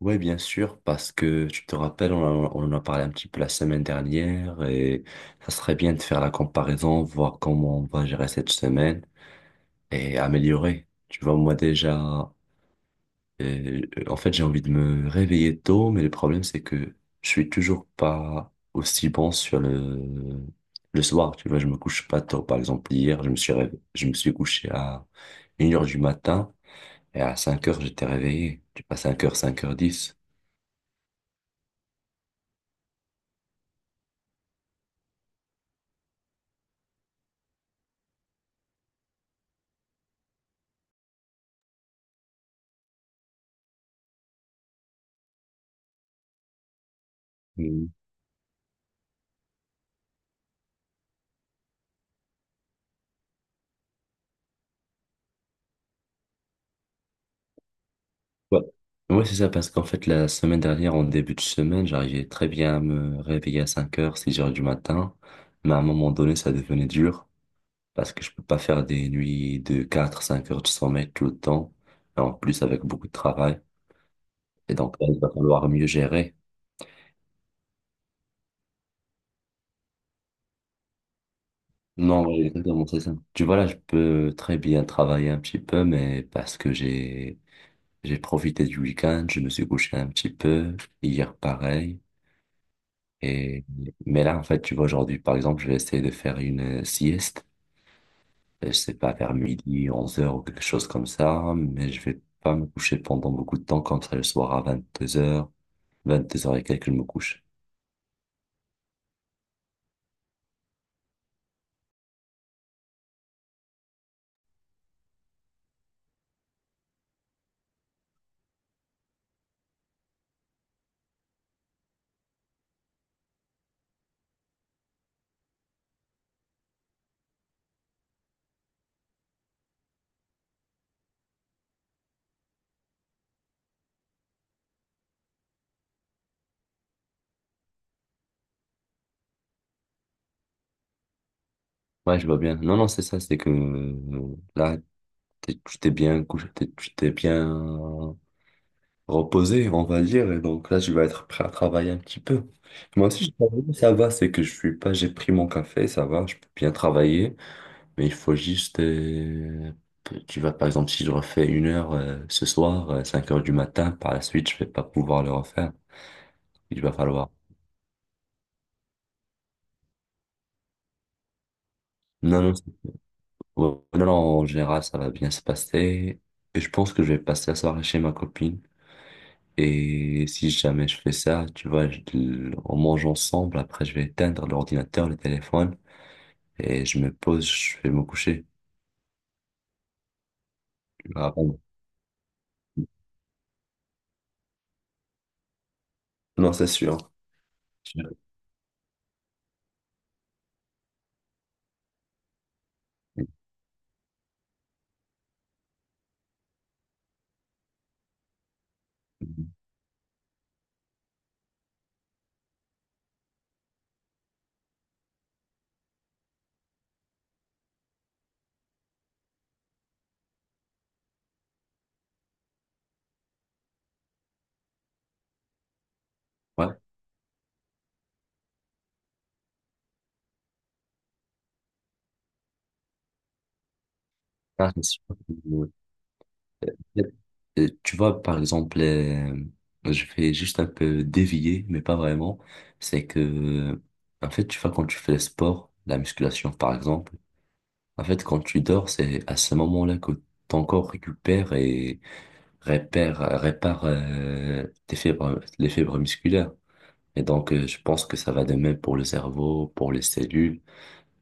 Oui, bien sûr, parce que tu te rappelles, on en a parlé un petit peu la semaine dernière et ça serait bien de faire la comparaison, voir comment on va gérer cette semaine et améliorer. Tu vois, moi déjà, euh, en fait, j'ai envie de me réveiller tôt, mais le problème, c'est que je suis toujours pas aussi bon sur le soir. Tu vois, je me couche pas tôt. Par exemple, hier, je me suis couché à 1 heure du matin et à 5 heures j'étais réveillé. Tu passes 5 heures, 5 heures 10. Ouais, ouais, c'est ça, parce qu'en fait, la semaine dernière, en début de semaine, j'arrivais très bien à me réveiller à 5 heures, 6 heures du matin. Mais à un moment donné, ça devenait dur, parce que je peux pas faire des nuits de 4 5 heures de sommeil tout le temps. Et en plus, avec beaucoup de travail. Et donc, là, il va falloir mieux gérer. Non, ouais, exactement, c'est ça. Tu vois, là, je peux très bien travailler un petit peu, mais parce que j'ai profité du week-end, je me suis couché un petit peu. Hier, pareil. Et, mais là, en fait, tu vois, aujourd'hui, par exemple, je vais essayer de faire une sieste. Je sais pas, vers midi, 11 heures ou quelque chose comme ça, mais je vais pas me coucher pendant beaucoup de temps, comme ça, le soir à 22 heures, 22 heures et quelques, je me couche. Ouais, je vois bien. Non, non, c'est ça, c'est que là, tu t'es bien couché, tu t'es bien reposé, on va dire, et donc là, je vais être prêt à travailler un petit peu. Moi aussi, je travaille, ça va, c'est que je suis pas, j'ai pris mon café, ça va, je peux bien travailler. Mais il faut juste, tu vois, par exemple, si je refais 1 heure ce soir, 5 heures du matin, par la suite, je vais pas pouvoir le refaire. Il va falloir. Non, non, ouais, non, non, en général, ça va bien se passer. Et je pense que je vais passer la soirée chez ma copine. Et si jamais je fais ça, tu vois, on mange ensemble. Après, je vais éteindre l'ordinateur, le téléphone. Et je me pose, je vais me coucher. Ah, bon. Non, c'est sûr. Ouais. Ah, c'est sûr. Tu vois, par exemple, je vais juste un peu dévier, mais pas vraiment. C'est que, en fait, tu vois, quand tu fais le sport, la musculation, par exemple, en fait, quand tu dors, c'est à ce moment-là que ton corps récupère et répare tes fibres, les fibres musculaires. Et donc, je pense que ça va de même pour le cerveau, pour les cellules.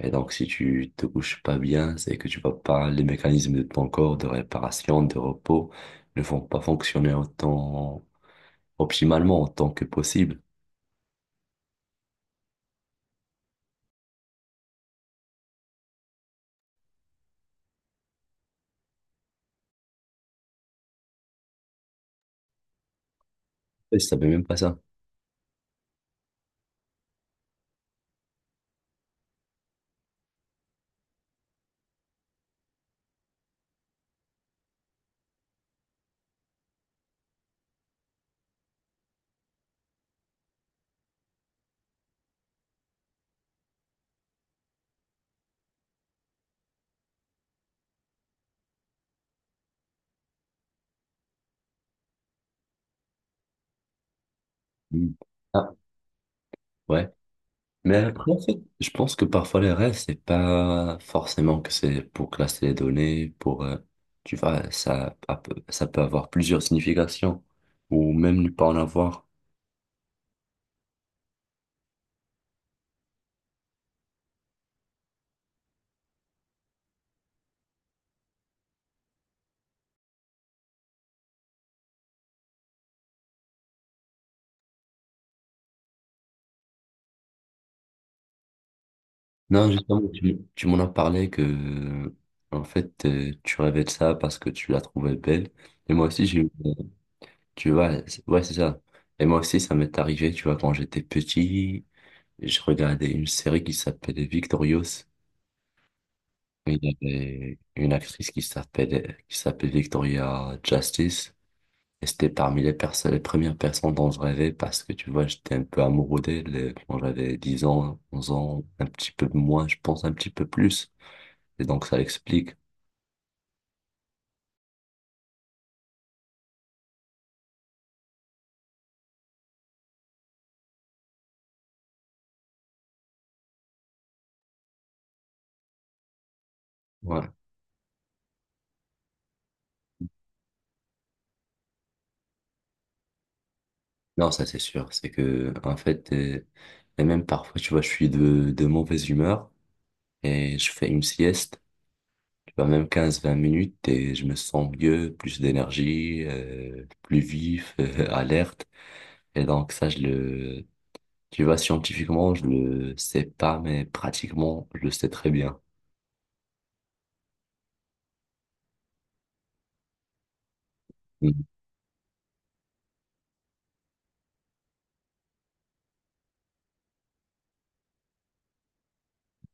Et donc, si tu te couches pas bien, c'est que tu vas pas, les mécanismes de ton corps de réparation, de repos ne vont pas fonctionner autant optimalement, autant que possible. Et je savais même pas ça. Mm. Ah, ouais. Mais après, en fait, je pense que parfois les rêves, c'est pas forcément que c'est pour classer les données, pour, tu vois, ça peut avoir plusieurs significations, ou même ne pas en avoir. Non, justement, tu m'en as parlé que, en fait, tu rêvais de ça parce que tu la trouvais belle. Et moi aussi, j'ai eu, tu vois, ouais, c'est ça. Et moi aussi, ça m'est arrivé, tu vois, quand j'étais petit, je regardais une série qui s'appelait Victorious. Il y avait une actrice qui s'appelait Victoria Justice. Et c'était parmi les personnes, les premières personnes dont je rêvais parce que, tu vois, j'étais un peu amoureux d'elle quand j'avais 10 ans, 11 ans, un petit peu moins, je pense un petit peu plus. Et donc, ça explique. Ouais. Non, ça, c'est sûr. C'est que, en fait, et même parfois, tu vois, je suis de mauvaise humeur et je fais une sieste, tu vois, même 15 20 minutes et je me sens mieux, plus d'énergie, plus vif, alerte. Et donc, ça, je le, tu vois, scientifiquement, je le sais pas, mais pratiquement, je le sais très bien. Mm.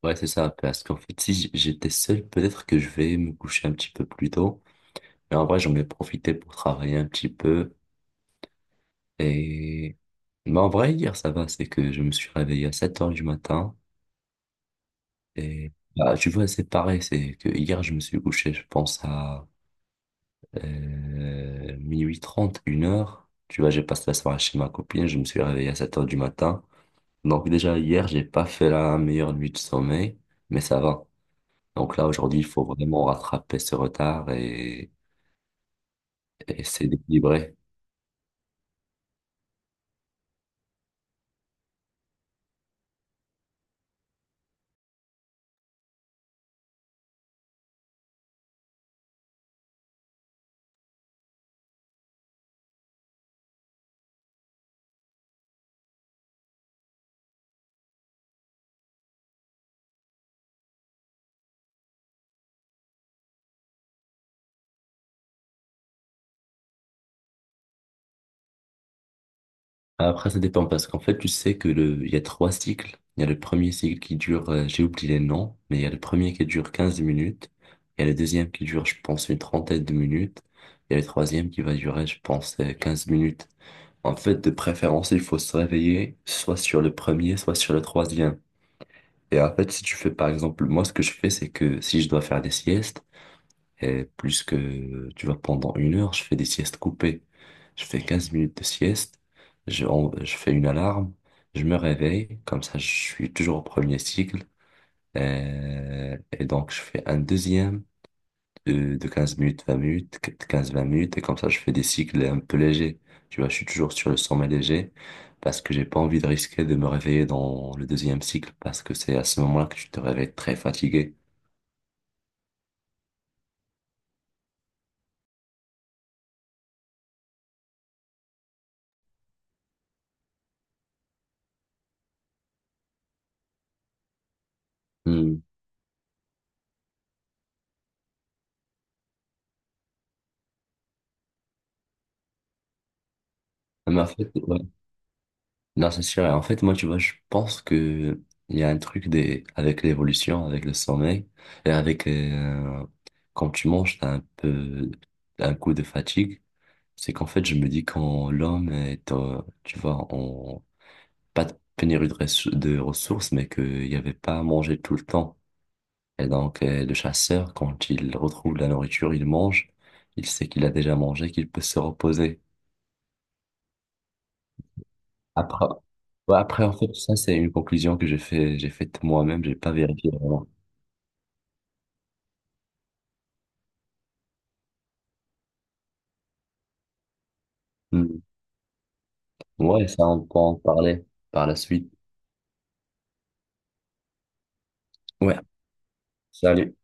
Ouais, c'est ça, parce qu'en fait, si j'étais seul, peut-être que je vais me coucher un petit peu plus tôt. Mais en vrai, j'en ai profité pour travailler un petit peu. Et bah, en vrai, hier, ça va, c'est que je me suis réveillé à 7 heures du matin. Et bah, tu vois, c'est pareil, c'est que hier, je me suis couché, je pense, à 0h30 1 heure. Tu vois, j'ai passé la soirée chez ma copine, je me suis réveillé à 7 heures du matin. Donc déjà, hier, j'ai pas fait la meilleure nuit de sommeil, mais ça va. Donc là, aujourd'hui, il faut vraiment rattraper ce retard et s'équilibrer. Après, ça dépend parce qu'en fait, tu sais il y a trois cycles. Il y a le premier cycle qui dure, j'ai oublié les noms, mais il y a le premier qui dure 15 minutes. Il y a le deuxième qui dure, je pense, une trentaine de minutes. Il y a le troisième qui va durer, je pense, 15 minutes. En fait, de préférence, il faut se réveiller soit sur le premier, soit sur le troisième. Et en fait, si tu fais, par exemple, moi, ce que je fais, c'est que si je dois faire des siestes, et plus que, tu vois, pendant 1 heure, je fais des siestes coupées. Je fais 15 minutes de sieste, je fais une alarme, je me réveille, comme ça, je suis toujours au premier cycle. Et donc, je fais un deuxième de 15 minutes, 20 minutes, 15 20 minutes, et comme ça, je fais des cycles un peu légers. Tu vois, je suis toujours sur le sommet léger parce que j'ai pas envie de risquer de me réveiller dans le deuxième cycle parce que c'est à ce moment-là que tu te réveilles très fatigué. Hmm. Mais en fait, ouais. Non, c'est sûr. Et en fait, moi, tu vois, je pense que il y a un truc des, avec l'évolution, avec le sommeil, et avec quand tu manges, t'as un peu un coup de fatigue. C'est qu'en fait, je me dis quand l'homme est, tu vois, en pas de pénurie de ressources, mais qu'il n'y avait pas à manger tout le temps. Et donc, le chasseur, quand il retrouve la nourriture, il mange. Il sait qu'il a déjà mangé, qu'il peut se reposer. Après, ouais, après, en fait, ça, c'est une conclusion que j'ai faite moi-même, j'ai pas vérifié vraiment. Hmm. Ouais, ça, on peut en parler par la suite. Ouais. Salut.